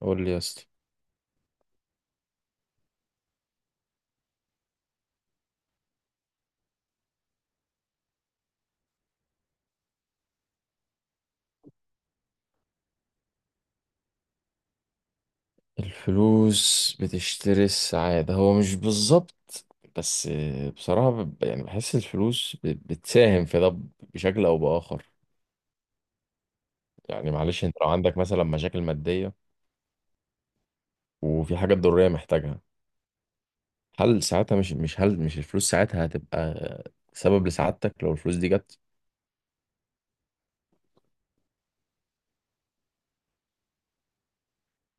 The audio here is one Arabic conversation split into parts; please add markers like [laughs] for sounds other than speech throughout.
قول لي يا اسطى. الفلوس بتشتري السعادة، هو مش بالظبط، بس بصراحة يعني بحس الفلوس بتساهم في ده بشكل أو بآخر. يعني معلش انت لو عندك مثلا مشاكل مادية وفي حاجة ضرورية محتاجها، هل ساعتها مش الفلوس ساعتها هتبقى سبب لسعادتك لو الفلوس دي جت؟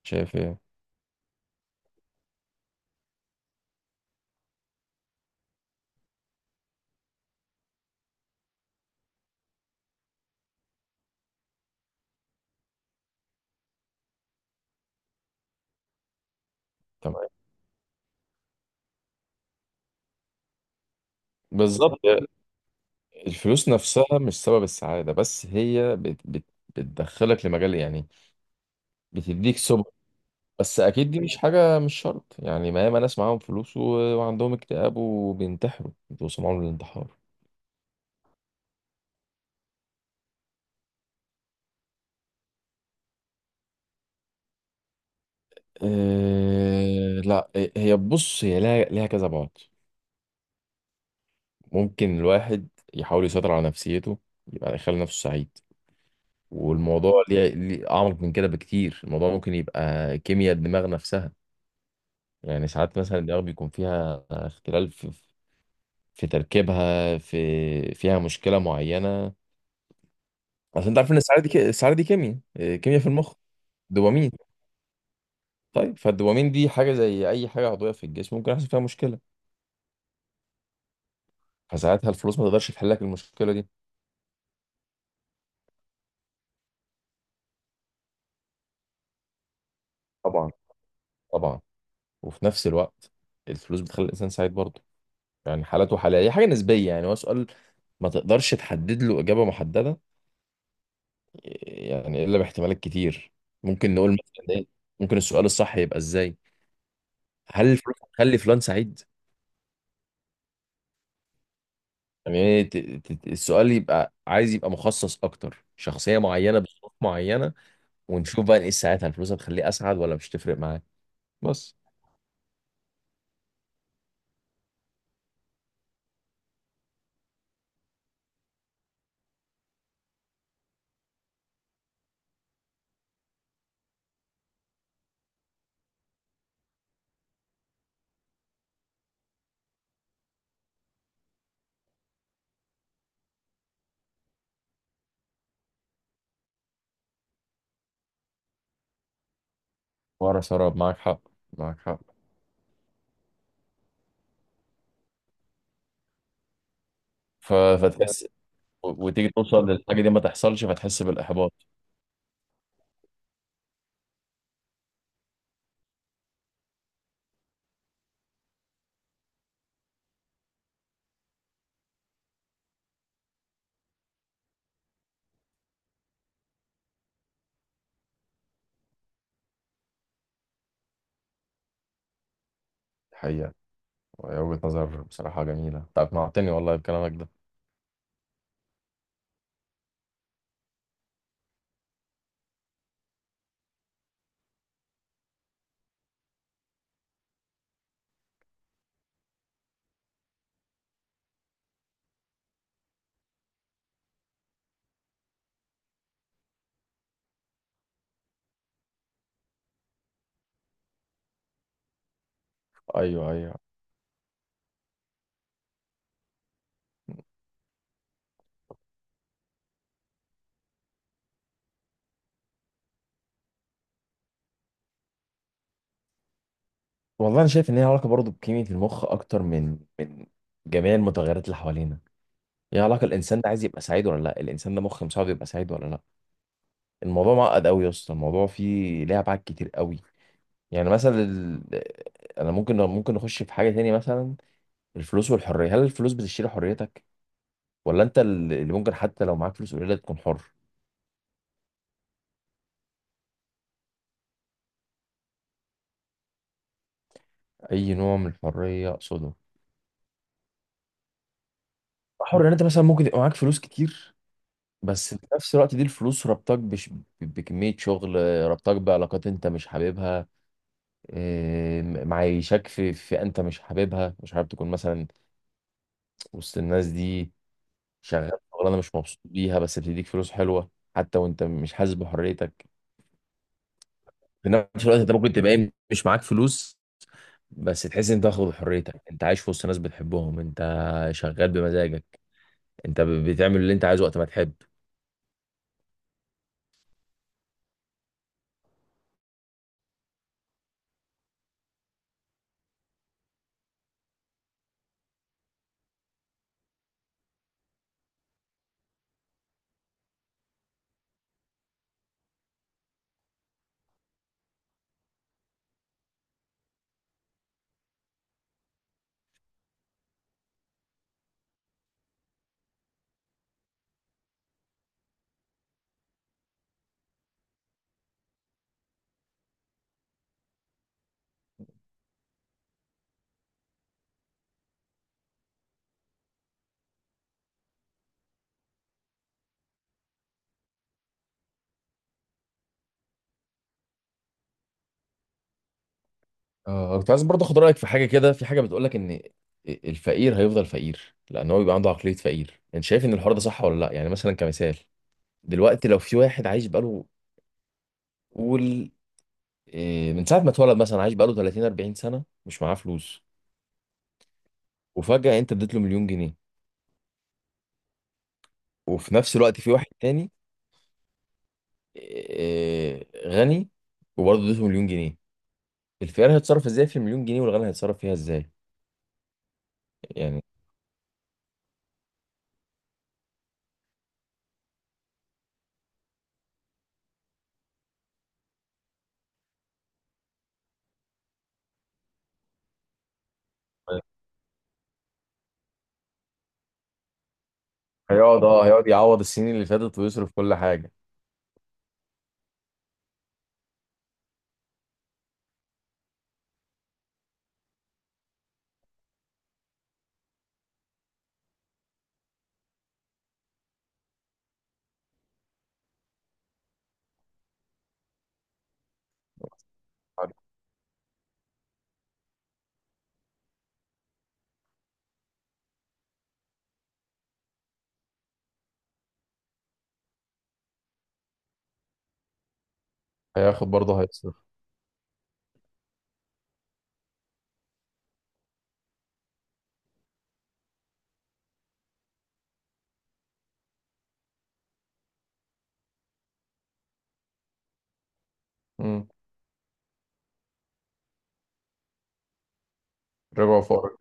شايف ايه؟ تمام، بالظبط. الفلوس نفسها مش سبب السعادة، بس هي بت بت بتدخلك لمجال، يعني بتديك سبل. بس اكيد دي مش حاجه، مش شرط، يعني ما ياما ناس معاهم فلوس و... وعندهم اكتئاب وبينتحروا، بيوصلوا معاهم للانتحار. لا، هي بص هي لها كذا بعد. ممكن الواحد يحاول يسيطر على نفسيته، يبقى يخلي نفسه سعيد. والموضوع ليه اعمق من كده بكتير، الموضوع ممكن يبقى كيمياء الدماغ نفسها. يعني ساعات مثلا الدماغ بيكون فيها اختلال في تركيبها، فيها مشكله معينه. عشان انت عارف ان السعاده دي السعاده دي كيمياء كيمياء في المخ. دوبامين. طيب، فالدوبامين دي حاجه زي اي حاجه عضويه في الجسم، ممكن يحصل فيها مشكله. فساعتها الفلوس ما تقدرش تحل لك المشكله دي. طبعا، طبعا. وفي نفس الوقت الفلوس بتخلي الانسان سعيد برضه. يعني حالات وحالات، هي حاجه نسبيه. يعني هو سؤال ما تقدرش تحدد له اجابه محدده، يعني الا باحتمالات كتير. ممكن نقول مثلا ايه، ممكن السؤال الصح يبقى ازاي. هل الفلوس هتخلي فلان سعيد؟ يعني إيه السؤال يبقى عايز يبقى مخصص اكتر، شخصيه معينه بظروف معينه، ونشوف بقى نقيس ساعتها الفلوس هتخليه اسعد ولا مش تفرق معاك. بس ورا سراب، معاك حق، معاك حق. ف... [laughs] فتحس و- وتيجي توصل للحاجه دي ما تحصلش، فتحس بالاحباط. الحقيقه، وهي وجهه نظر بصراحه جميله، انت اقنعتني والله بكلامك ده. ايوه، ايوه. والله انا شايف ان هي علاقه برضه بكيمياء المخ اكتر من جميع المتغيرات اللي حوالينا. هي علاقه الانسان ده عايز يبقى سعيد ولا لا، الانسان ده مخ مساعده يبقى سعيد ولا لا. الموضوع معقد قوي يا اسطى، الموضوع فيه ليه ابعاد كتير قوي. يعني مثلا ال... انا ممكن نخش في حاجه تاني مثلا، الفلوس والحريه. هل الفلوس بتشتري حريتك، ولا انت اللي ممكن حتى لو معاك فلوس قليله تكون حر؟ اي نوع من الحريه اقصده؟ حر ان انت مثلا ممكن يبقى معاك فلوس كتير، بس في نفس الوقت دي الفلوس ربطك بكميه شغل، ربطك بعلاقات انت مش حاببها، معيشك في فئه انت مش حاببها، مش حابب تكون مثلا وسط الناس دي. شغال شغلانه مش مبسوط بيها بس بتديك فلوس حلوه، حتى وانت مش حاسس بحريتك. في نفس الوقت انت ممكن تبقى مش معاك فلوس بس تحس ان انت واخد حريتك، انت عايش في وسط ناس بتحبهم انت، شغال بمزاجك، انت بتعمل اللي انت عايزه وقت ما تحب. آه، كنت عايز برضه اخد رايك في حاجه كده، في حاجه بتقول لك ان الفقير هيفضل فقير لان هو بيبقى عنده عقليه فقير. انت شايف ان الحوار ده صح ولا لا؟ يعني مثلا كمثال، دلوقتي لو في واحد عايش بقاله، قول من ساعه ما اتولد مثلا، عايش بقاله 30 40 سنه مش معاه فلوس، وفجاه انت اديت له مليون جنيه، وفي نفس الوقت في واحد تاني غني وبرضه اديته مليون جنيه. الخيار هيتصرف ازاي في المليون جنيه، والغني هيتصرف فيها ازاي؟ يعني هيقعد، اه هيقعد يعوض السنين اللي فاتت ويصرف كل حاجة. هياخد برضه هيصرف. مم. ربع وفقر.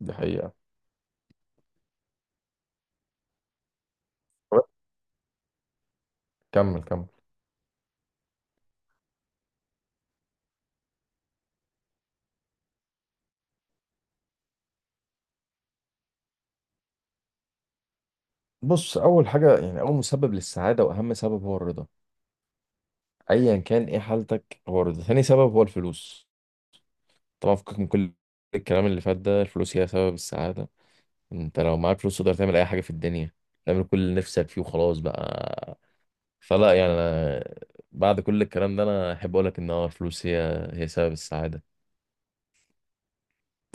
دي حقيقة. كمل، كمل. بص، اول حاجه يعني، اول مسبب للسعاده واهم سبب هو الرضا، ايا كان ايه حالتك هو الرضا. ثاني سبب هو الفلوس، طبعا. فكك من كل الكلام اللي فات ده، الفلوس هي سبب السعاده. انت لو معاك فلوس تقدر تعمل اي حاجه في الدنيا، تعمل كل اللي نفسك فيه وخلاص بقى. فلا، يعني انا بعد كل الكلام ده انا احب اقول لك ان هو الفلوس هي سبب السعاده،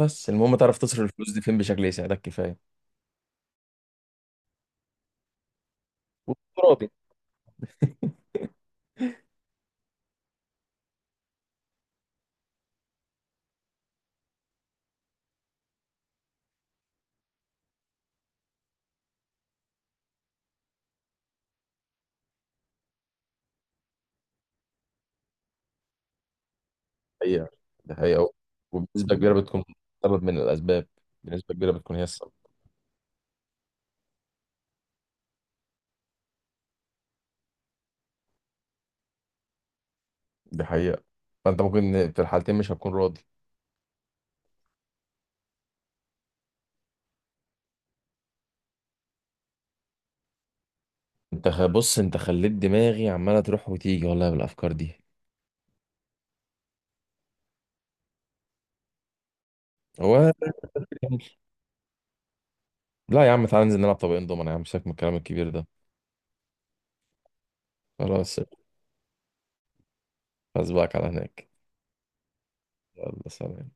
بس المهم تعرف تصرف الفلوس دي فين بشكل يساعدك كفايه وتكون راضي. حقيقة، دي حقيقة. وبنسبة كبيرة بتكون سبب من الأسباب، بنسبة كبيرة بتكون هي السبب. دي حقيقة. فأنت ممكن في الحالتين مش هتكون راضي. أنت بص، أنت خليت دماغي عمالة تروح وتيجي والله بالأفكار دي. هو [laughs] لا يا عم، تعالى ننزل نلعب طبقين دومنا يا عم، سيبك من الكلام الكبير ده. خلاص، أسبقك على هناك. يلا سلام.